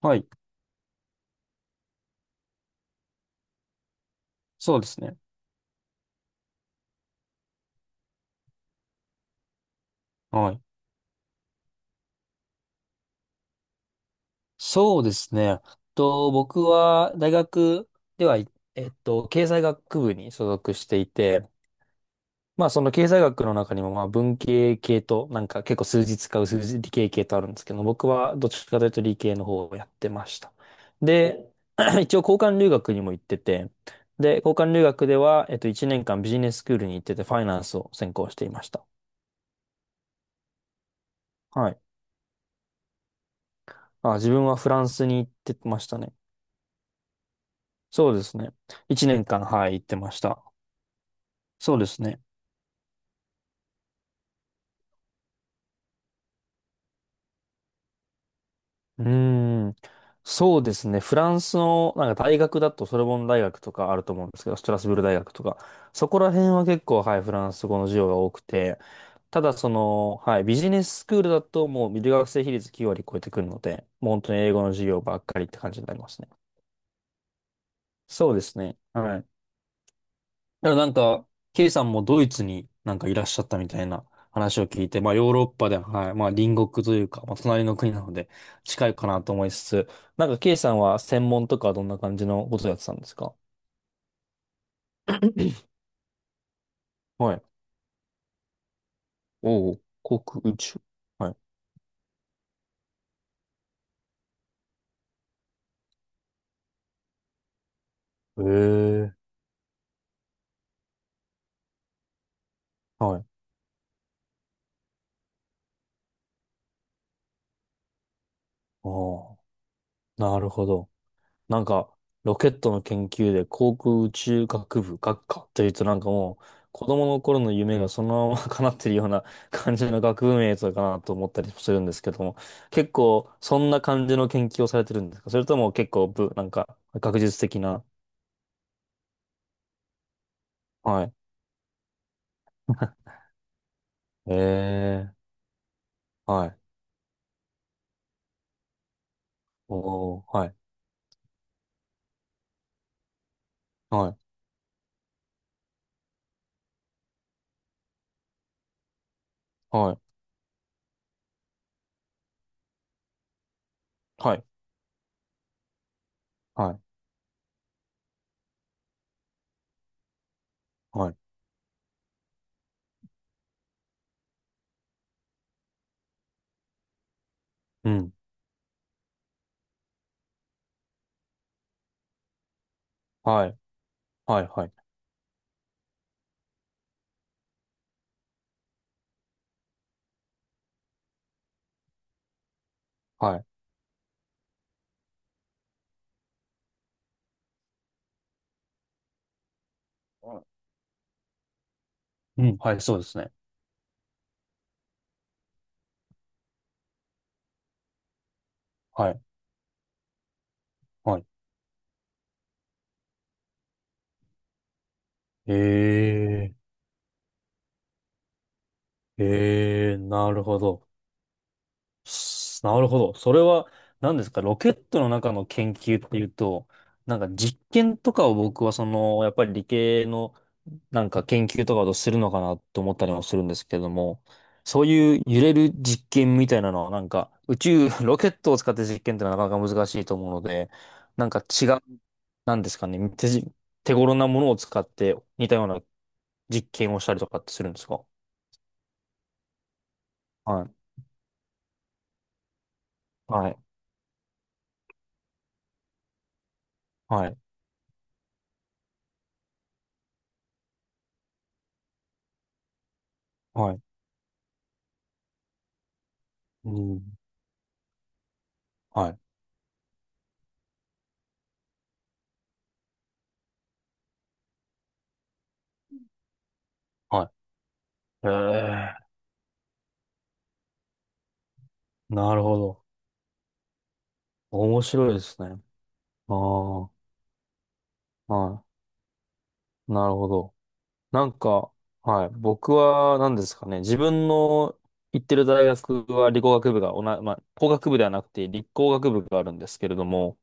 はい。そうですね。はい。そうですね。僕は大学では、いえっと、経済学部に所属していて、まあその経済学の中にもまあ文系系となんか結構数字使う数字理系系とあるんですけど、僕はどっちかというと理系の方をやってました。で、一応交換留学にも行ってて、で、交換留学では、1年間ビジネススクールに行っててファイナンスを専攻していました。はい。あ、自分はフランスに行ってましたね。そうですね。一年間、はい、行ってました。そうですね。うーん。そうですね。フランスの、なんか大学だと、ソルボン大学とかあると思うんですけど、ストラスブール大学とか、そこら辺は結構、はい、フランス語の授業が多くて、ただその、はい、ビジネススクールだともう留学生比率9割超えてくるので、もう本当に英語の授業ばっかりって感じになりますね。そうですね。はい。だからなんか、ケイさんもドイツになんかいらっしゃったみたいな話を聞いて、まあヨーロッパで、はい、まあ隣国というか、まあ隣の国なので近いかなと思いつつ、なんかケイさんは専門とかはどんな感じのことをやってたんですか？はい。おお、航空宇宙。はい。ええ。はい。おお、なるほど。なんか、ロケットの研究で航空宇宙学部学科というとなんかもう、子供の頃の夢がそのまま 叶ってるような感じの学部名とかなと思ったりするんですけども、結構そんな感じの研究をされてるんですか？それとも結構なんか学術的な。はい。ええ、はい。おー、はい。はい。はい。はい。はい。はい。うん。はい。はい。はい。はい。うん。はい。そうですね。はい。はい。ええ、ええ、なるほど。なるほど。それは、何ですか、ロケットの中の研究っていうと、なんか実験とかを僕はその、やっぱり理系のなんか研究とかをするのかなと思ったりもするんですけれども、そういう揺れる実験みたいなのはなんか宇宙、ロケットを使って実験ってのはなかなか難しいと思うので、なんか違う、なんですかね、手頃なものを使って似たような実験をしたりとかってするんですか？はい。はい。はい。はい。うん、はい。はい。ええ、なるほど。面白いですね。ああ、はい。なるほど。なんか、はい。僕は何ですかね。自分の行ってる大学は理工学部がまあ、工学部ではなくて理工学部があるんですけれども、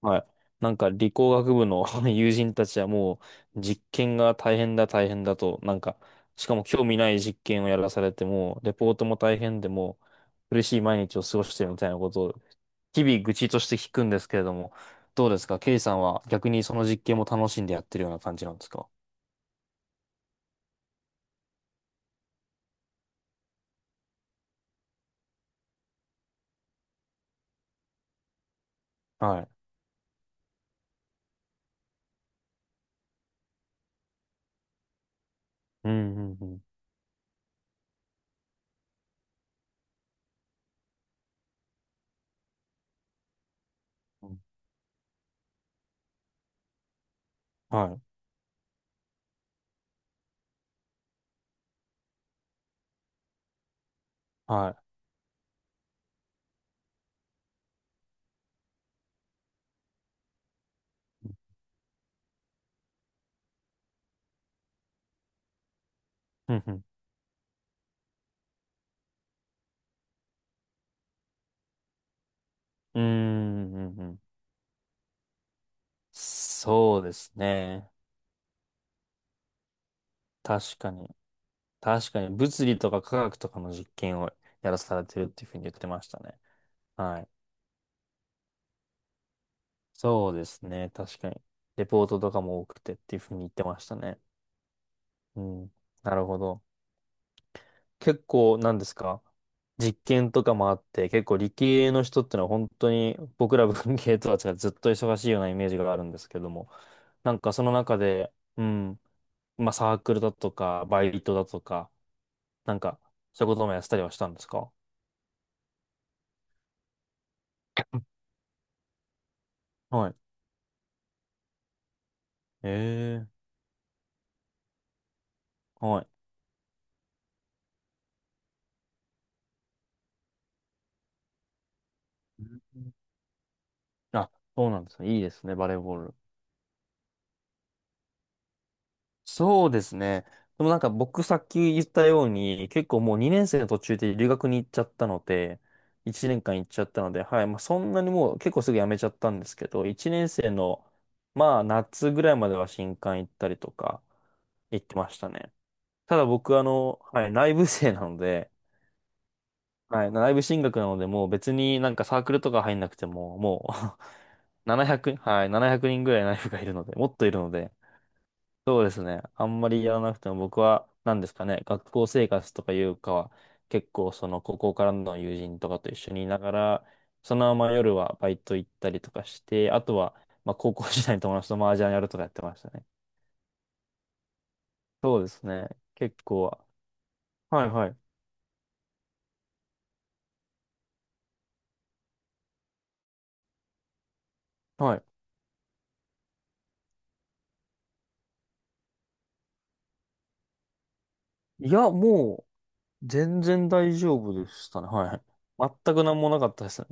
はい。なんか理工学部の 友人たちはもう実験が大変だ大変だと、なんか、しかも興味ない実験をやらされても、レポートも大変でもう苦しい毎日を過ごしてるみたいなことを日々愚痴として聞くんですけれども、どうですか？ケイさんは逆にその実験も楽しんでやってるような感じなんですか？はい。うん、うん、うん。うん、はい、はい。うん、うん。うーん、うん、うん。そうですね。確かに。確かに、物理とか科学とかの実験をやらされてるっていうふうに言ってましたね。はい。そうですね。確かに。レポートとかも多くてっていうふうに言ってましたね。うん。なるほど。結構、なんですか、実験とかもあって、結構理系の人ってのは本当に僕ら文系とは違ってずっと忙しいようなイメージがあるんですけども、なんかその中で、うん、まあサークルだとか、バイトだとか、なんかそういうこともやってたりはしたんですか？はい。ええ、はい。うん、あ、そうなんですね。いいですね、バレーボール。そうですね。でもなんか僕さっき言ったように、結構もう2年生の途中で留学に行っちゃったので、1年間行っちゃったので、はい、まあそんなにもう結構すぐ辞めちゃったんですけど、1年生のまあ夏ぐらいまでは新歓行ったりとか行ってましたね。ただ僕あの、はい、内部生なので、はい、内部進学なので、もう別になんかサークルとか入んなくても、もう 700、はい、700人ぐらい内部がいるので、もっといるので、そうですね。あんまりやらなくても僕は何ですかね、学校生活とかいうかは、結構その高校からの友人とかと一緒にいながら、そのまま夜はバイト行ったりとかして、あとはまあ高校時代の友達と麻雀やるとかやってましたね。そうですね。結構は。はいはい。はい。いや、もう全然大丈夫でしたね。はいはい。全く何もなかったですね。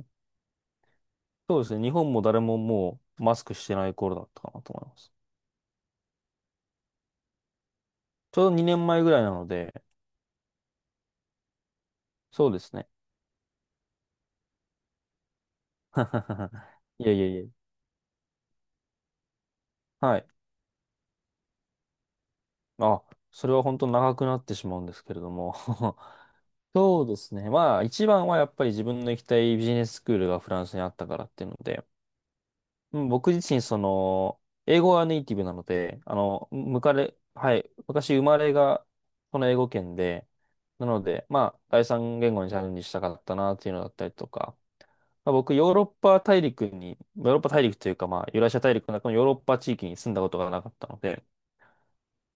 そうですね。日本も誰ももうマスクしてない頃だったかなと思います。ちょうど2年前ぐらいなので、そうですね。いやいやいや。はい。あ、それは本当長くなってしまうんですけれども。そうですね。まあ、一番はやっぱり自分の行きたいビジネススクールがフランスにあったからっていうので、うん、僕自身、その、英語はネイティブなので、あの、むかれ、はい、昔生まれがこの英語圏で、なので、まあ、第三言語にチャレンジしたかったなっていうのだったりとか、まあ、僕、ヨーロッパ大陸に、ヨーロッパ大陸というか、まあ、ユーラシア大陸の中のヨーロッパ地域に住んだことがなかったので、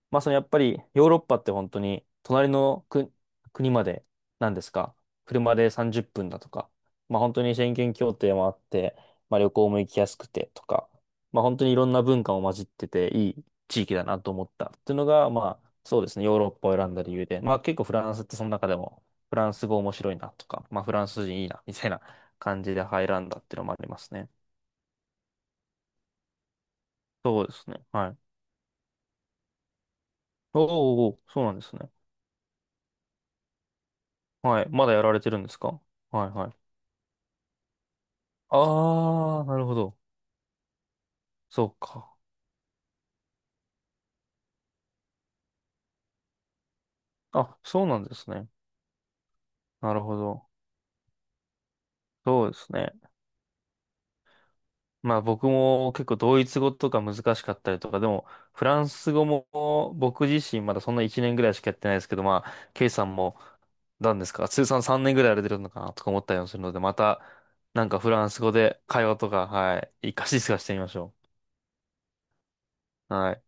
まあ、そのやっぱりヨーロッパって本当に隣の国、国まで何ですか、車で30分だとか、まあ、本当に宣言協定もあって、まあ、旅行も行きやすくてとか、まあ、本当にいろんな文化も混じってていい地域だなと思ったっていうのが、まあ、そうですね、ヨーロッパを選んだ理由で、まあ、結構フランスってその中でもフランス語面白いなとか、まあ、フランス人いいなみたいな感じで入らんだっていうのもありますね。そうですね。はい。おーおー、おー、そうなんですね。はい。まだやられてるんですか？はいはい。ああ、なるほど。そうか。あ、そうなんですね。なるほど。そうですね。まあ僕も結構ドイツ語とか難しかったりとか、でもフランス語も僕自身まだそんな1年ぐらいしかやってないですけど、まあ、ケイさんも何ですか、通算3年ぐらいやられてるのかなとか思ったりもするので、またなんかフランス語で会話とか、はい、活かし活かしてみましょう。はい。